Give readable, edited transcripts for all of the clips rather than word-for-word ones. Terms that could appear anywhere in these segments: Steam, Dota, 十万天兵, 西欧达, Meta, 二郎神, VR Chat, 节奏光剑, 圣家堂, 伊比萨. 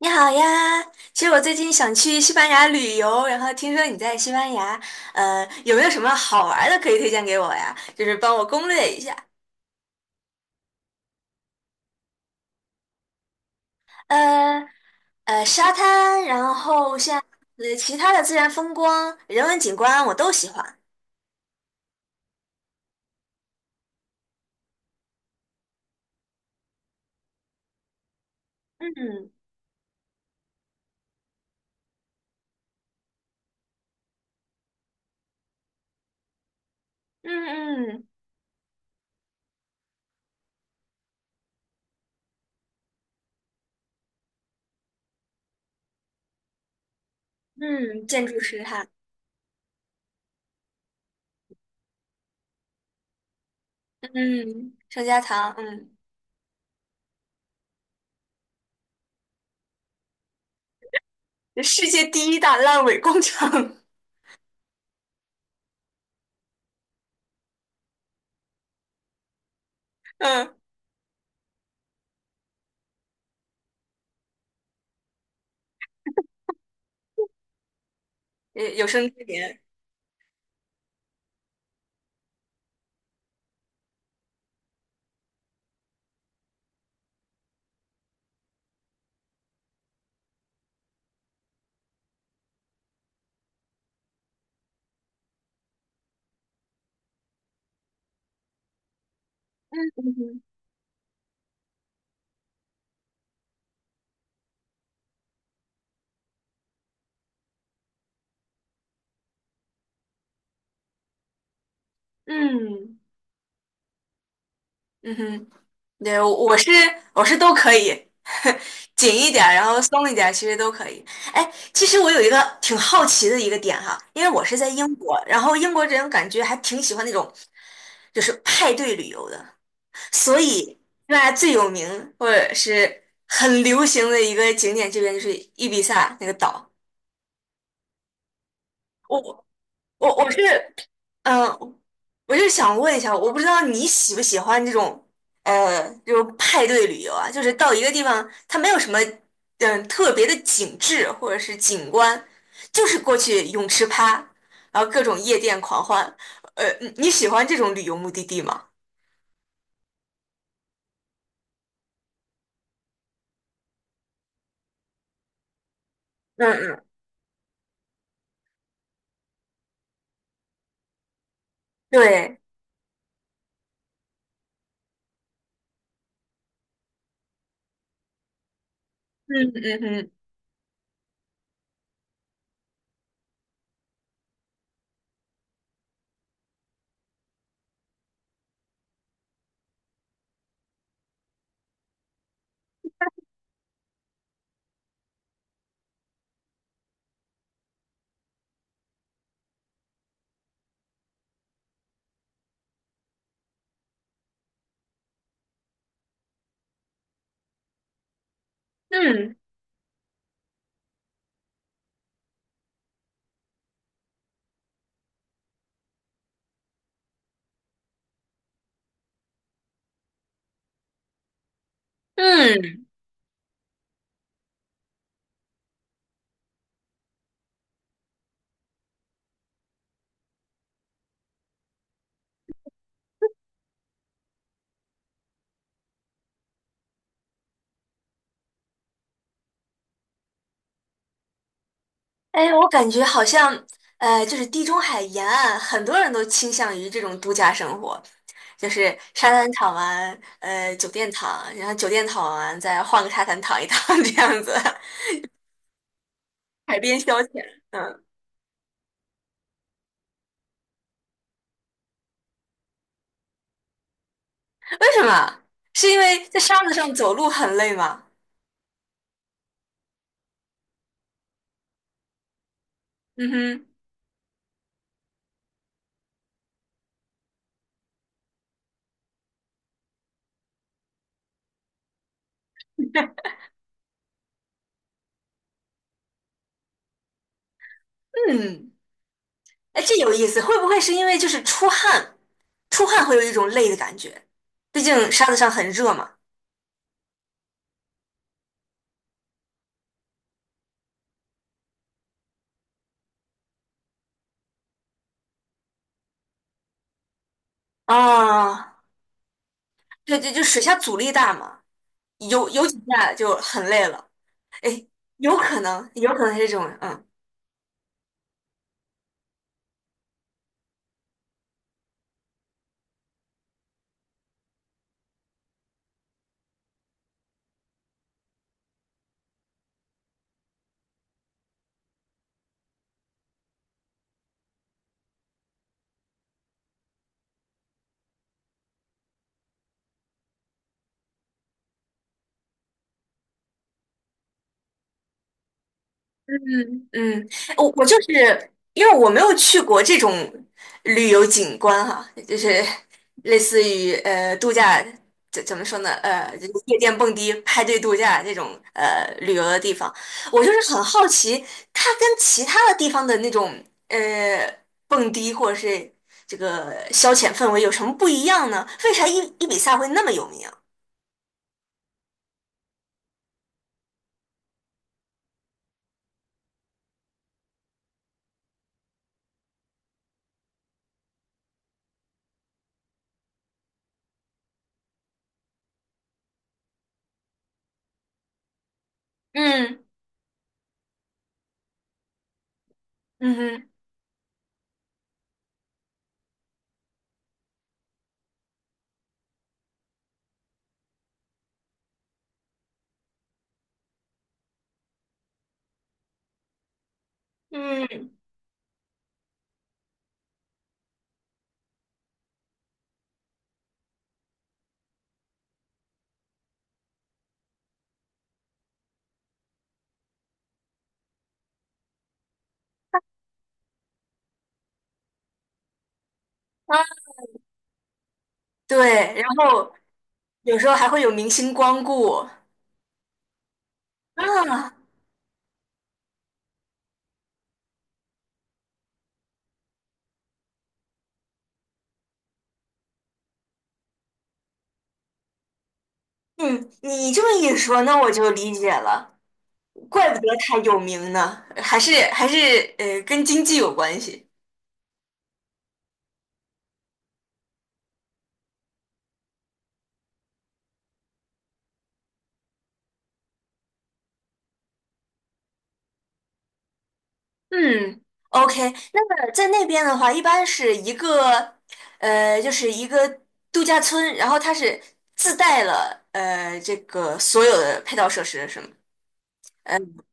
你好呀，其实我最近想去西班牙旅游，然后听说你在西班牙，有没有什么好玩儿的可以推荐给我呀？就是帮我攻略一下。呃沙滩，然后像其他的自然风光、人文景观，我都喜欢。嗯嗯嗯嗯，建筑师哈。嗯，圣家堂。嗯，世界第一大烂尾工程。嗯，有有生之年。嗯哼嗯嗯哼。对，我我是都可以。紧一点儿，然后松一点儿，其实都可以。哎，其实我有一个挺好奇的一个点哈，因为我是在英国，然后英国人感觉还挺喜欢那种就是派对旅游的，所以那最有名或者是很流行的一个景点，这边就是伊比萨那个岛。我我是嗯，呃我就想问一下，我不知道你喜不喜欢这种。这种派对旅游啊，就是到一个地方，它没有什么，特别的景致或者是景观，就是过去泳池趴，然后各种夜店狂欢。你喜欢这种旅游目的地吗？嗯嗯，对，嗯嗯嗯嗯嗯。哎，我感觉好像，就是地中海沿岸，很多人都倾向于这种度假生活，就是沙滩躺完，酒店躺，然后酒店躺完，再换个沙滩躺一躺，这样子，海边消遣。嗯，为什么？是因为在沙子上走路很累吗？嗯哼，嗯，哎，这有意思，会不会是因为就是出汗，出汗会有一种累的感觉？毕竟沙子上很热嘛。啊，对对，就水下阻力大嘛。有有几下就很累了。哎，有可能，有可能是这种。嗯嗯，嗯，我我就是因为我没有去过这种旅游景观哈、就是类似于度假，怎么说呢？就是夜店蹦迪、派对度假这种旅游的地方，我就是很好奇，它跟其他的地方的那种蹦迪或者是这个消遣氛围有什么不一样呢？为啥伊比萨会那么有名啊。嗯嗯哼，嗯，啊，对，然后有时候还会有明星光顾啊。嗯，你这么一说，那我就理解了，怪不得他有名呢，还是跟经济有关系。嗯，OK，那么在那边的话，一般是一个就是一个度假村，然后它是自带了这个所有的配套设施，是吗？嗯。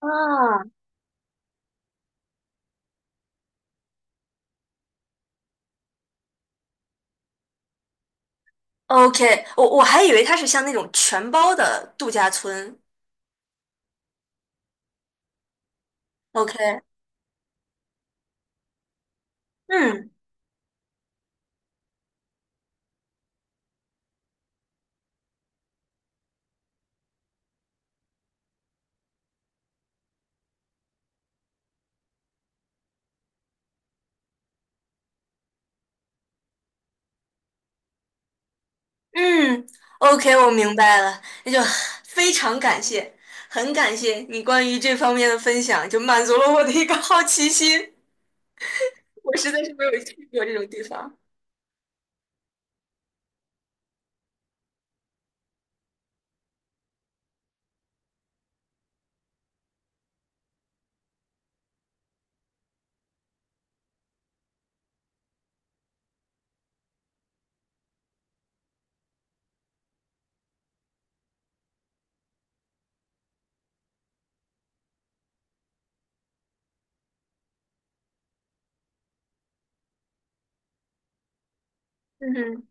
啊，OK，我我还以为它是像那种全包的度假村。OK，嗯嗯，OK，我明白了，那就非常感谢，很感谢你关于这方面的分享，就满足了我的一个好奇心。我实在是没有去过这种地方。嗯哼，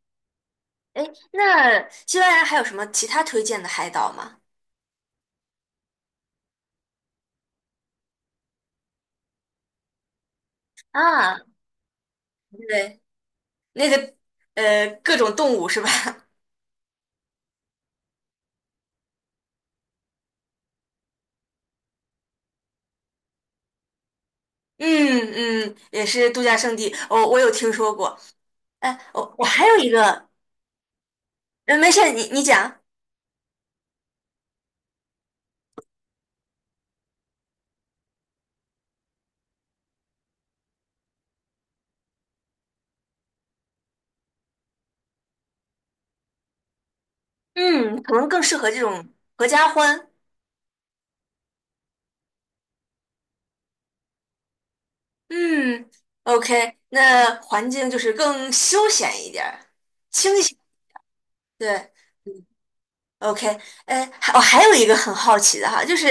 哎，那西班牙还有什么其他推荐的海岛吗？啊，对，那个各种动物是吧？嗯嗯，也是度假胜地。我、我有听说过。哎，我我还有一个。没事，你你讲。嗯，可能更适合这种合家欢。嗯，OK，那环境就是更休闲一点儿清闲，对，OK，还我、还有一个很好奇的哈，就是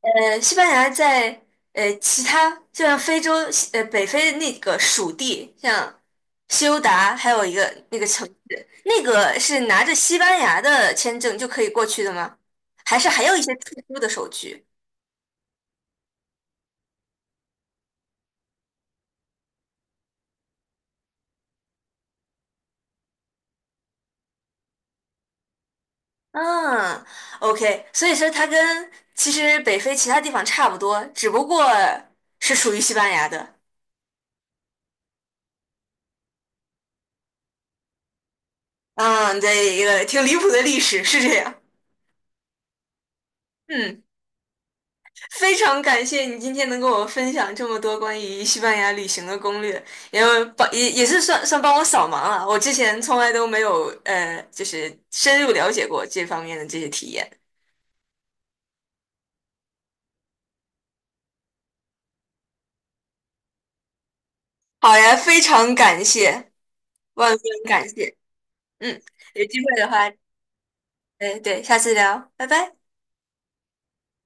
西班牙在其他就像非洲北非那个属地，像西欧达，还有一个那个城市，那个是拿着西班牙的签证就可以过去的吗？还是还有一些特殊的手续？嗯，OK，所以说它跟其实北非其他地方差不多，只不过是属于西班牙的。嗯，对，一个挺离谱的历史是这样。嗯。非常感谢你今天能跟我分享这么多关于西班牙旅行的攻略，因为帮也也是算算帮我扫盲了，我之前从来都没有就是深入了解过这方面的这些体验。好呀，非常感谢，万分感谢。嗯，有机会的话，对对，下次聊，拜拜。